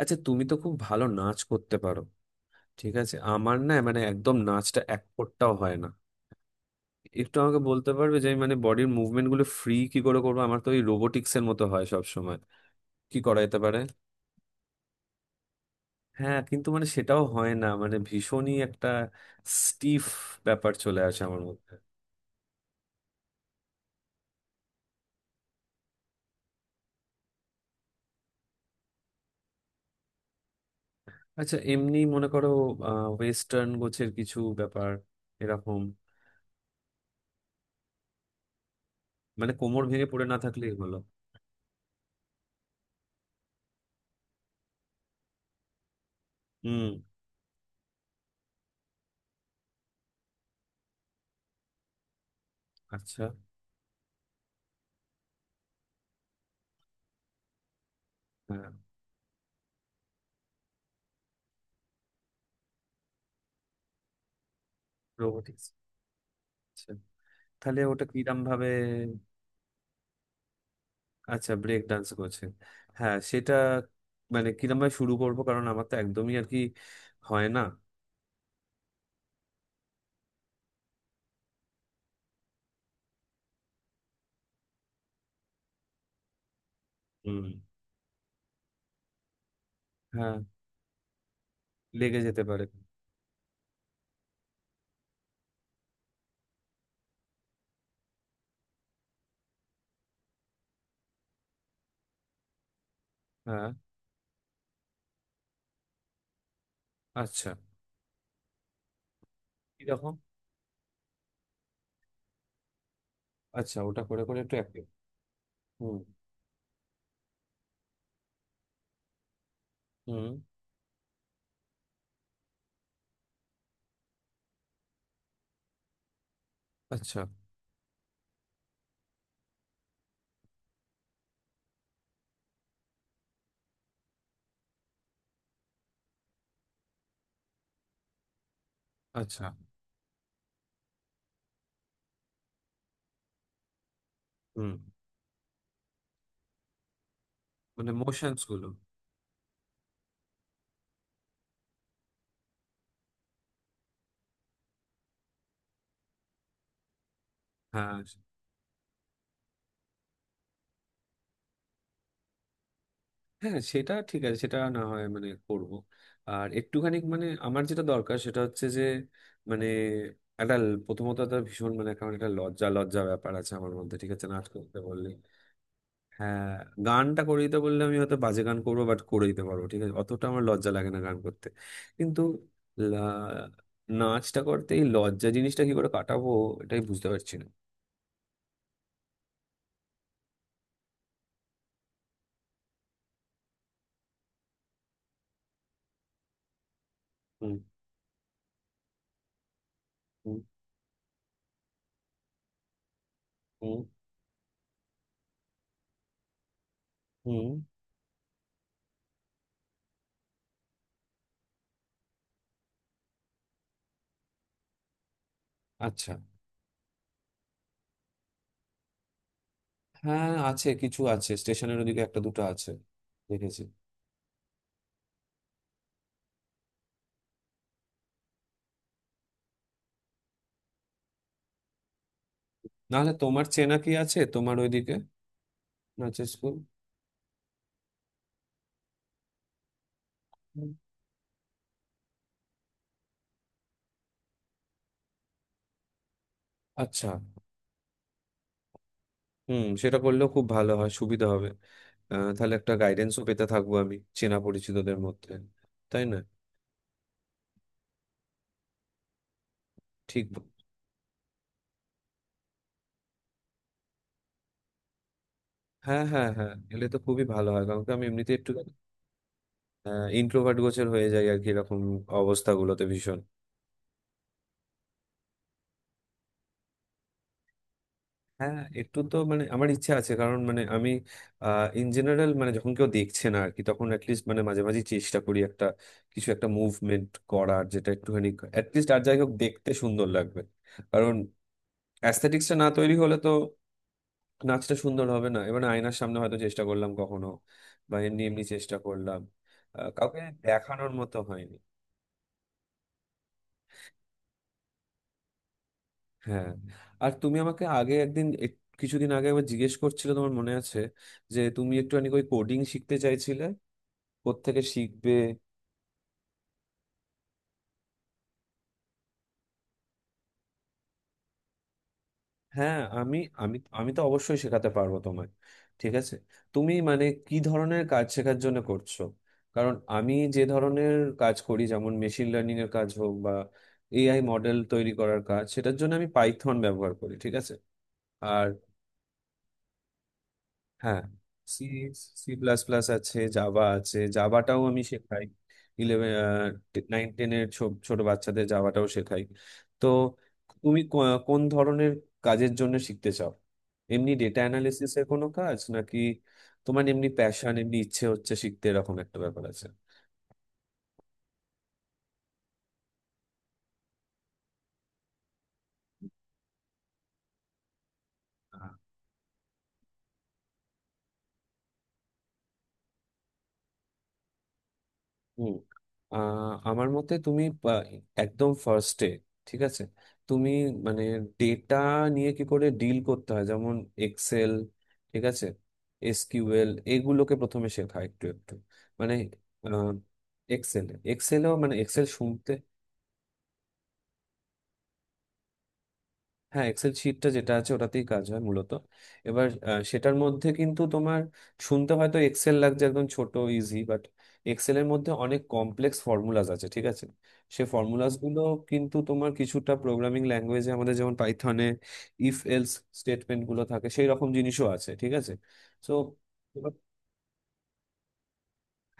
আচ্ছা তুমি তো খুব ভালো নাচ করতে পারো। ঠিক আছে, আমার না মানে একদম নাচটা এক ফোঁটাও হয় না। একটু আমাকে বলতে পারবে যে আমি মানে বডির মুভমেন্ট গুলো ফ্রি কি করে করবো? আমার তো ওই রোবোটিক্স এর মতো হয় সব সময়। কি করা যেতে পারে? হ্যাঁ, কিন্তু মানে সেটাও হয় না, মানে ভীষণই একটা স্টিফ ব্যাপার চলে আসে আমার মধ্যে। আচ্ছা, এমনি মনে করো ওয়েস্টার্ন গোছের কিছু ব্যাপার, এরকম। মানে কোমর ভেঙে পড়ে না থাকলেই হলো। হুম। আচ্ছা। হ্যাঁ। রোবোটিক্স? আচ্ছা, তাহলে ওটা কিরম ভাবে? আচ্ছা, ব্রেক ডান্স করছেন। হ্যাঁ, সেটা মানে কিরম ভাবে শুরু করব? কারণ আমার তো একদমই আর কি হয় না। হুম। হ্যাঁ, লেগে যেতে পারে। হ্যাঁ। আচ্ছা। কিরকম? আচ্ছা, ওটা করে করে একটু অ্যাক্টিভ। হুম। হুম। আচ্ছা। আচ্ছা। হুম। মানে মোশনস গুলো। হ্যাঁ। হ্যাঁ সেটা ঠিক আছে, সেটা না হয় মানে করব। আর একটুখানি মানে আমার যেটা দরকার সেটা হচ্ছে যে মানে একটা প্রথমত একটা ভীষণ মানে কারণ একটা লজ্জা লজ্জা ব্যাপার আছে আমার মধ্যে, ঠিক আছে, নাচ করতে বললে। হ্যাঁ। গানটা করে দিতে বললে আমি হয়তো বাজে গান করবো, বাট করে দিতে পারবো, ঠিক আছে, অতটা আমার লজ্জা লাগে না গান করতে, কিন্তু লা- নাচটা করতে এই লজ্জা জিনিসটা কি করে কাটাবো, এটাই বুঝতে পারছি না। হুম। হুম। হুম। হুম। আচ্ছা। হ্যাঁ আছে, কিছু আছে, স্টেশনের ওদিকে একটা দুটো আছে, দেখেছি। নাহলে তোমার চেনা কি আছে তোমার ওইদিকে নাচের স্কুল? আচ্ছা। হুম, সেটা করলেও খুব ভালো হয়, সুবিধা হবে। তাহলে একটা গাইডেন্সও পেতে থাকবো আমি চেনা পরিচিতদের মধ্যে, তাই না? ঠিক হ্যাঁ হ্যাঁ হ্যাঁ, এলে তো খুবই ভালো হয় কারণ কি আমি এমনিতে একটু ইন্ট্রোভার্ট গোছের হয়ে যাই আর কি, এরকম অবস্থাগুলোতে ভীষণ। হ্যাঁ একটু তো মানে আমার ইচ্ছা আছে কারণ মানে আমি ইন জেনারেল মানে যখন কেউ দেখছে না আর কি, তখন অ্যাটলিস্ট মানে মাঝে মাঝে চেষ্টা করি একটা কিছু একটা মুভমেন্ট করার যেটা একটুখানি অ্যাটলিস্ট আর যাই হোক দেখতে সুন্দর লাগবে, কারণ অ্যাস্থেটিক্সটা না তৈরি হলে তো নাচটা সুন্দর হবে না। এবার আয়নার সামনে হয়তো চেষ্টা করলাম কখনো বা এমনি এমনি চেষ্টা করলাম, কাউকে দেখানোর মতো হয়নি। হ্যাঁ। আর তুমি আমাকে আগে একদিন কিছুদিন আগে একবার জিজ্ঞেস করছিলে, তোমার মনে আছে, যে তুমি একটুখানি ওই কোডিং শিখতে চাইছিলে, কোত্থেকে শিখবে। হ্যাঁ আমি আমি আমি তো অবশ্যই শেখাতে পারবো তোমায়, ঠিক আছে। তুমি মানে কি ধরনের কাজ শেখার জন্য করছো? কারণ আমি যে ধরনের কাজ করি যেমন মেশিন লার্নিং এর কাজ হোক বা এআই মডেল তৈরি করার কাজ, সেটার জন্য আমি পাইথন ব্যবহার করি, ঠিক আছে। আর হ্যাঁ, সি, সি প্লাস প্লাস আছে, জাভা আছে, জাভাটাও আমি শেখাই। ইলেভেন, নাইন টেনের ছোট বাচ্চাদের জাভাটাও শেখাই। তো তুমি কোন ধরনের কাজের জন্য শিখতে চাও? এমনি ডেটা অ্যানালিসিস এর কোনো কাজ নাকি তোমার এমনি প্যাশন, এমনি ইচ্ছে হচ্ছে শিখতে, এরকম একটা ব্যাপার আছে? হুম। আমার মতে তুমি একদম ফার্স্টে, ঠিক আছে, তুমি মানে ডেটা নিয়ে কি করে ডিল করতে হয় যেমন এক্সেল, ঠিক আছে, এসকিউএল, এগুলোকে প্রথমে শেখা একটু একটু, মানে এক্সেল এক্সেলও মানে এক্সেল শুনতে। হ্যাঁ এক্সেল শিটটা যেটা আছে ওটাতেই কাজ হয় মূলত। এবার সেটার মধ্যে কিন্তু তোমার শুনতে হয়তো এক্সেল লাগছে একদম ছোট ইজি, বাট এক্সেলের মধ্যে অনেক কমপ্লেক্স ফর্মুলাজ আছে, ঠিক আছে। সে ফর্মুলাজ গুলো কিন্তু তোমার কিছুটা প্রোগ্রামিং ল্যাঙ্গুয়েজে আমাদের যেমন পাইথনে ইফ এলস স্টেটমেন্ট গুলো থাকে সেই রকম জিনিসও আছে, ঠিক আছে। তো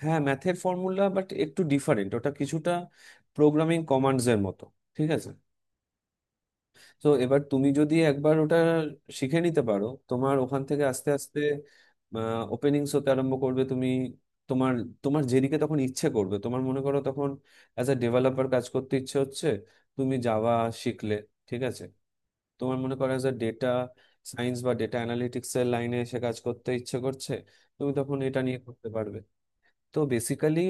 হ্যাঁ ম্যাথের ফর্মুলা, বাট একটু ডিফারেন্ট, ওটা কিছুটা প্রোগ্রামিং কমান্ডস এর মতো, ঠিক আছে। তো এবার তুমি যদি একবার ওটা শিখে নিতে পারো তোমার ওখান থেকে আস্তে আস্তে ওপেনিংস হতে আরম্ভ করবে। তুমি তোমার তোমার যেদিকে তখন ইচ্ছে করবে, তোমার মনে করো তখন অ্যাজ আ ডেভেলপার কাজ করতে ইচ্ছে হচ্ছে, তুমি জাভা শিখলে, ঠিক আছে। তোমার মনে করো অ্যাজ ডেটা সায়েন্স বা ডেটা অ্যানালিটিক্স এর লাইনে এসে কাজ করতে ইচ্ছে করছে, তুমি তখন এটা নিয়ে করতে পারবে। তো বেসিক্যালি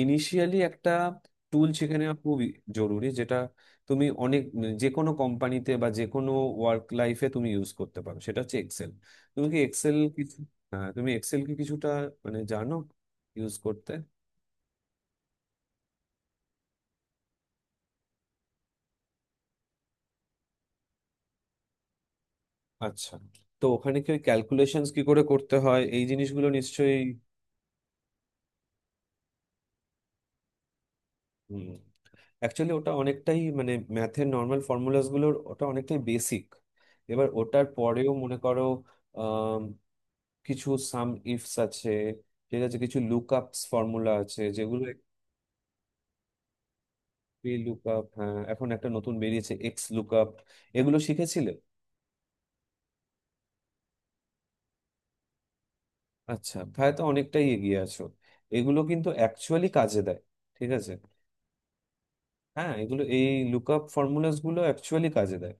ইনিশিয়ালি একটা টুল শিখে নেওয়া খুবই জরুরি যেটা তুমি অনেক, যে কোনো কোম্পানিতে বা যে কোনো ওয়ার্ক লাইফে তুমি ইউজ করতে পারো, সেটা হচ্ছে এক্সেল। তুমি কি এক্সেল কিছু, হ্যাঁ তুমি এক্সেল কি কিছুটা মানে জানো ইউজ করতে? আচ্ছা, তো ওখানে কি ওই ক্যালকুলেশনস কি করে করতে হয় এই জিনিসগুলো নিশ্চয়ই। হুম। অ্যাকচুয়ালি ওটা অনেকটাই মানে ম্যাথের নর্মাল ফর্মুলাস গুলোর, ওটা অনেকটাই বেসিক। এবার ওটার পরেও মনে করো কিছু সাম ইফস আছে, ঠিক আছে, কিছু লুক আপস ফর্মুলা আছে যেগুলো পি লুক আপ, হ্যাঁ এখন একটা নতুন বেরিয়েছে এক্স লুক আপ, এগুলো শিখেছিলে? আচ্ছা, তাহলে তো অনেকটাই এগিয়ে আছো। এগুলো কিন্তু অ্যাকচুয়ালি কাজে দেয়, ঠিক আছে। হ্যাঁ এগুলো এই লুকআপ ফর্মুলাস গুলো অ্যাকচুয়ালি কাজে দেয়।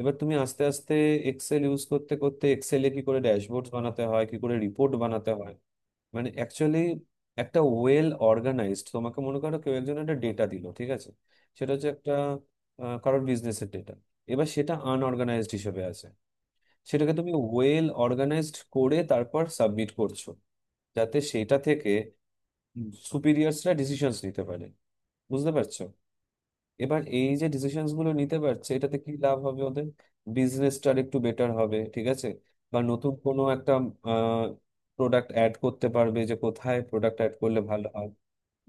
এবার তুমি আস্তে আস্তে এক্সেল ইউজ করতে করতে এক্সেলে কি করে ড্যাশবোর্ড বানাতে হয়, কি করে রিপোর্ট বানাতে হয়, মানে অ্যাকচুয়ালি একটা ওয়েল অর্গানাইজড, তোমাকে মনে করো কেউ একজন একটা ডেটা দিল, ঠিক আছে, সেটা হচ্ছে একটা কারোর বিজনেসের ডেটা। এবার সেটা আনঅর্গানাইজড হিসেবে আছে, সেটাকে তুমি ওয়েল অর্গানাইজড করে তারপর সাবমিট করছো যাতে সেটা থেকে সুপিরিয়ার্সরা ডিসিশনস নিতে পারে। বুঝতে পারছো? এবার এই যে ডিসিশনস গুলো নিতে পারছে এটাতে কি লাভ হবে ওদের? বিজনেসটার একটু বেটার হবে, ঠিক আছে, বা নতুন কোনো একটা প্রোডাক্ট অ্যাড করতে পারবে যে কোথায় প্রোডাক্ট অ্যাড করলে ভালো হয়।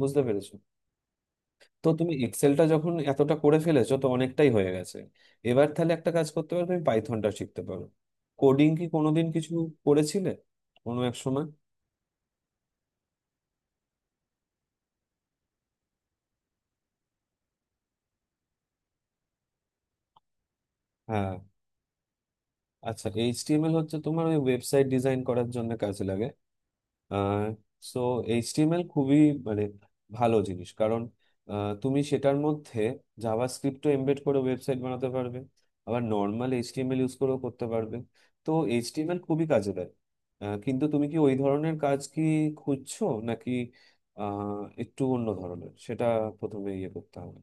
বুঝতে পেরেছো? তো তুমি এক্সেলটা যখন এতটা করে ফেলেছো তো অনেকটাই হয়ে গেছে। এবার তাহলে একটা কাজ করতে পারো, তুমি পাইথনটা শিখতে পারো। কোডিং কি কোনোদিন কিছু করেছিলে কোনো এক সময়? হ্যাঁ। আচ্ছা এইচটিএমএল হচ্ছে তোমার ওই ওয়েবসাইট ডিজাইন করার জন্য কাজে লাগে। সো এইচটিএমএল খুবই মানে ভালো জিনিস, কারণ তুমি সেটার মধ্যে জাভাস্ক্রিপ্টও এমবেড করে ওয়েবসাইট বানাতে পারবে, আবার নর্মাল এইচটিএমএল ইউজ করেও করতে পারবে। তো এইচটিএমএল খুবই কাজে দেয়। কিন্তু তুমি কি ওই ধরনের কাজ কি খুঁজছো, নাকি একটু অন্য ধরনের, সেটা প্রথমে ইয়ে করতে হবে।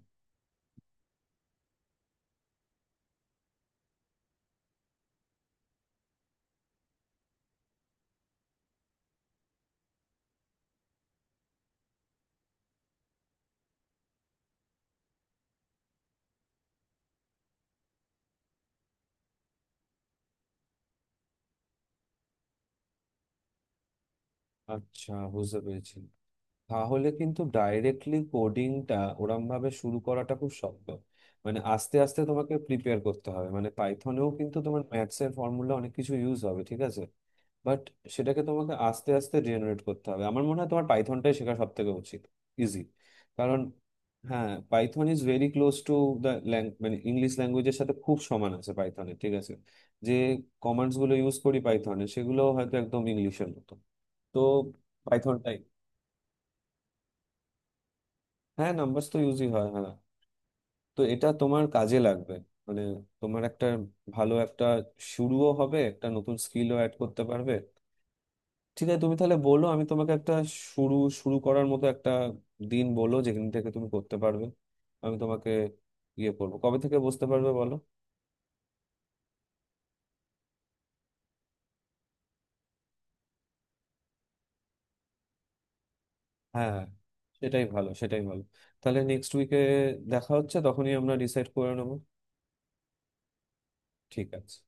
আচ্ছা বুঝতে পেরেছি। তাহলে কিন্তু ডাইরেক্টলি কোডিংটা ওরম ভাবে শুরু করাটা খুব শক্ত, মানে আস্তে আস্তে তোমাকে প্রিপেয়ার করতে হবে, মানে পাইথনেও কিন্তু তোমার ম্যাথস এর ফর্মুলা অনেক কিছু ইউজ হবে, ঠিক আছে। বাট সেটাকে তোমাকে আস্তে আস্তে জেনারেট করতে হবে। আমার মনে হয় তোমার পাইথনটাই শেখা সব থেকে উচিত, ইজি, কারণ হ্যাঁ Python is very close to the মানে ইংলিশ ল্যাঙ্গুয়েজের সাথে খুব সমান আছে পাইথনের, ঠিক আছে। যে কমান্ডস গুলো ইউজ করি পাইথনে সেগুলো হয়তো একদম ইংলিশের মতো। তো পাইথনটাই। হ্যাঁ নাম্বারস তো ইউজই হয়, হ্যাঁ। তো এটা তোমার কাজে লাগবে, মানে তোমার একটা ভালো একটা শুরুও হবে, একটা নতুন স্কিলও অ্যাড করতে পারবে। ঠিক আছে তুমি তাহলে বলো, আমি তোমাকে একটা শুরু শুরু করার মতো একটা দিন বলো, যেখান থেকে তুমি করতে পারবে। আমি তোমাকে ইয়ে করবো, কবে থেকে বসতে পারবে বলো। হ্যাঁ, সেটাই ভালো সেটাই ভালো। তাহলে নেক্সট উইকে দেখা হচ্ছে, তখনই আমরা ডিসাইড করে নেবো, ঠিক আছে।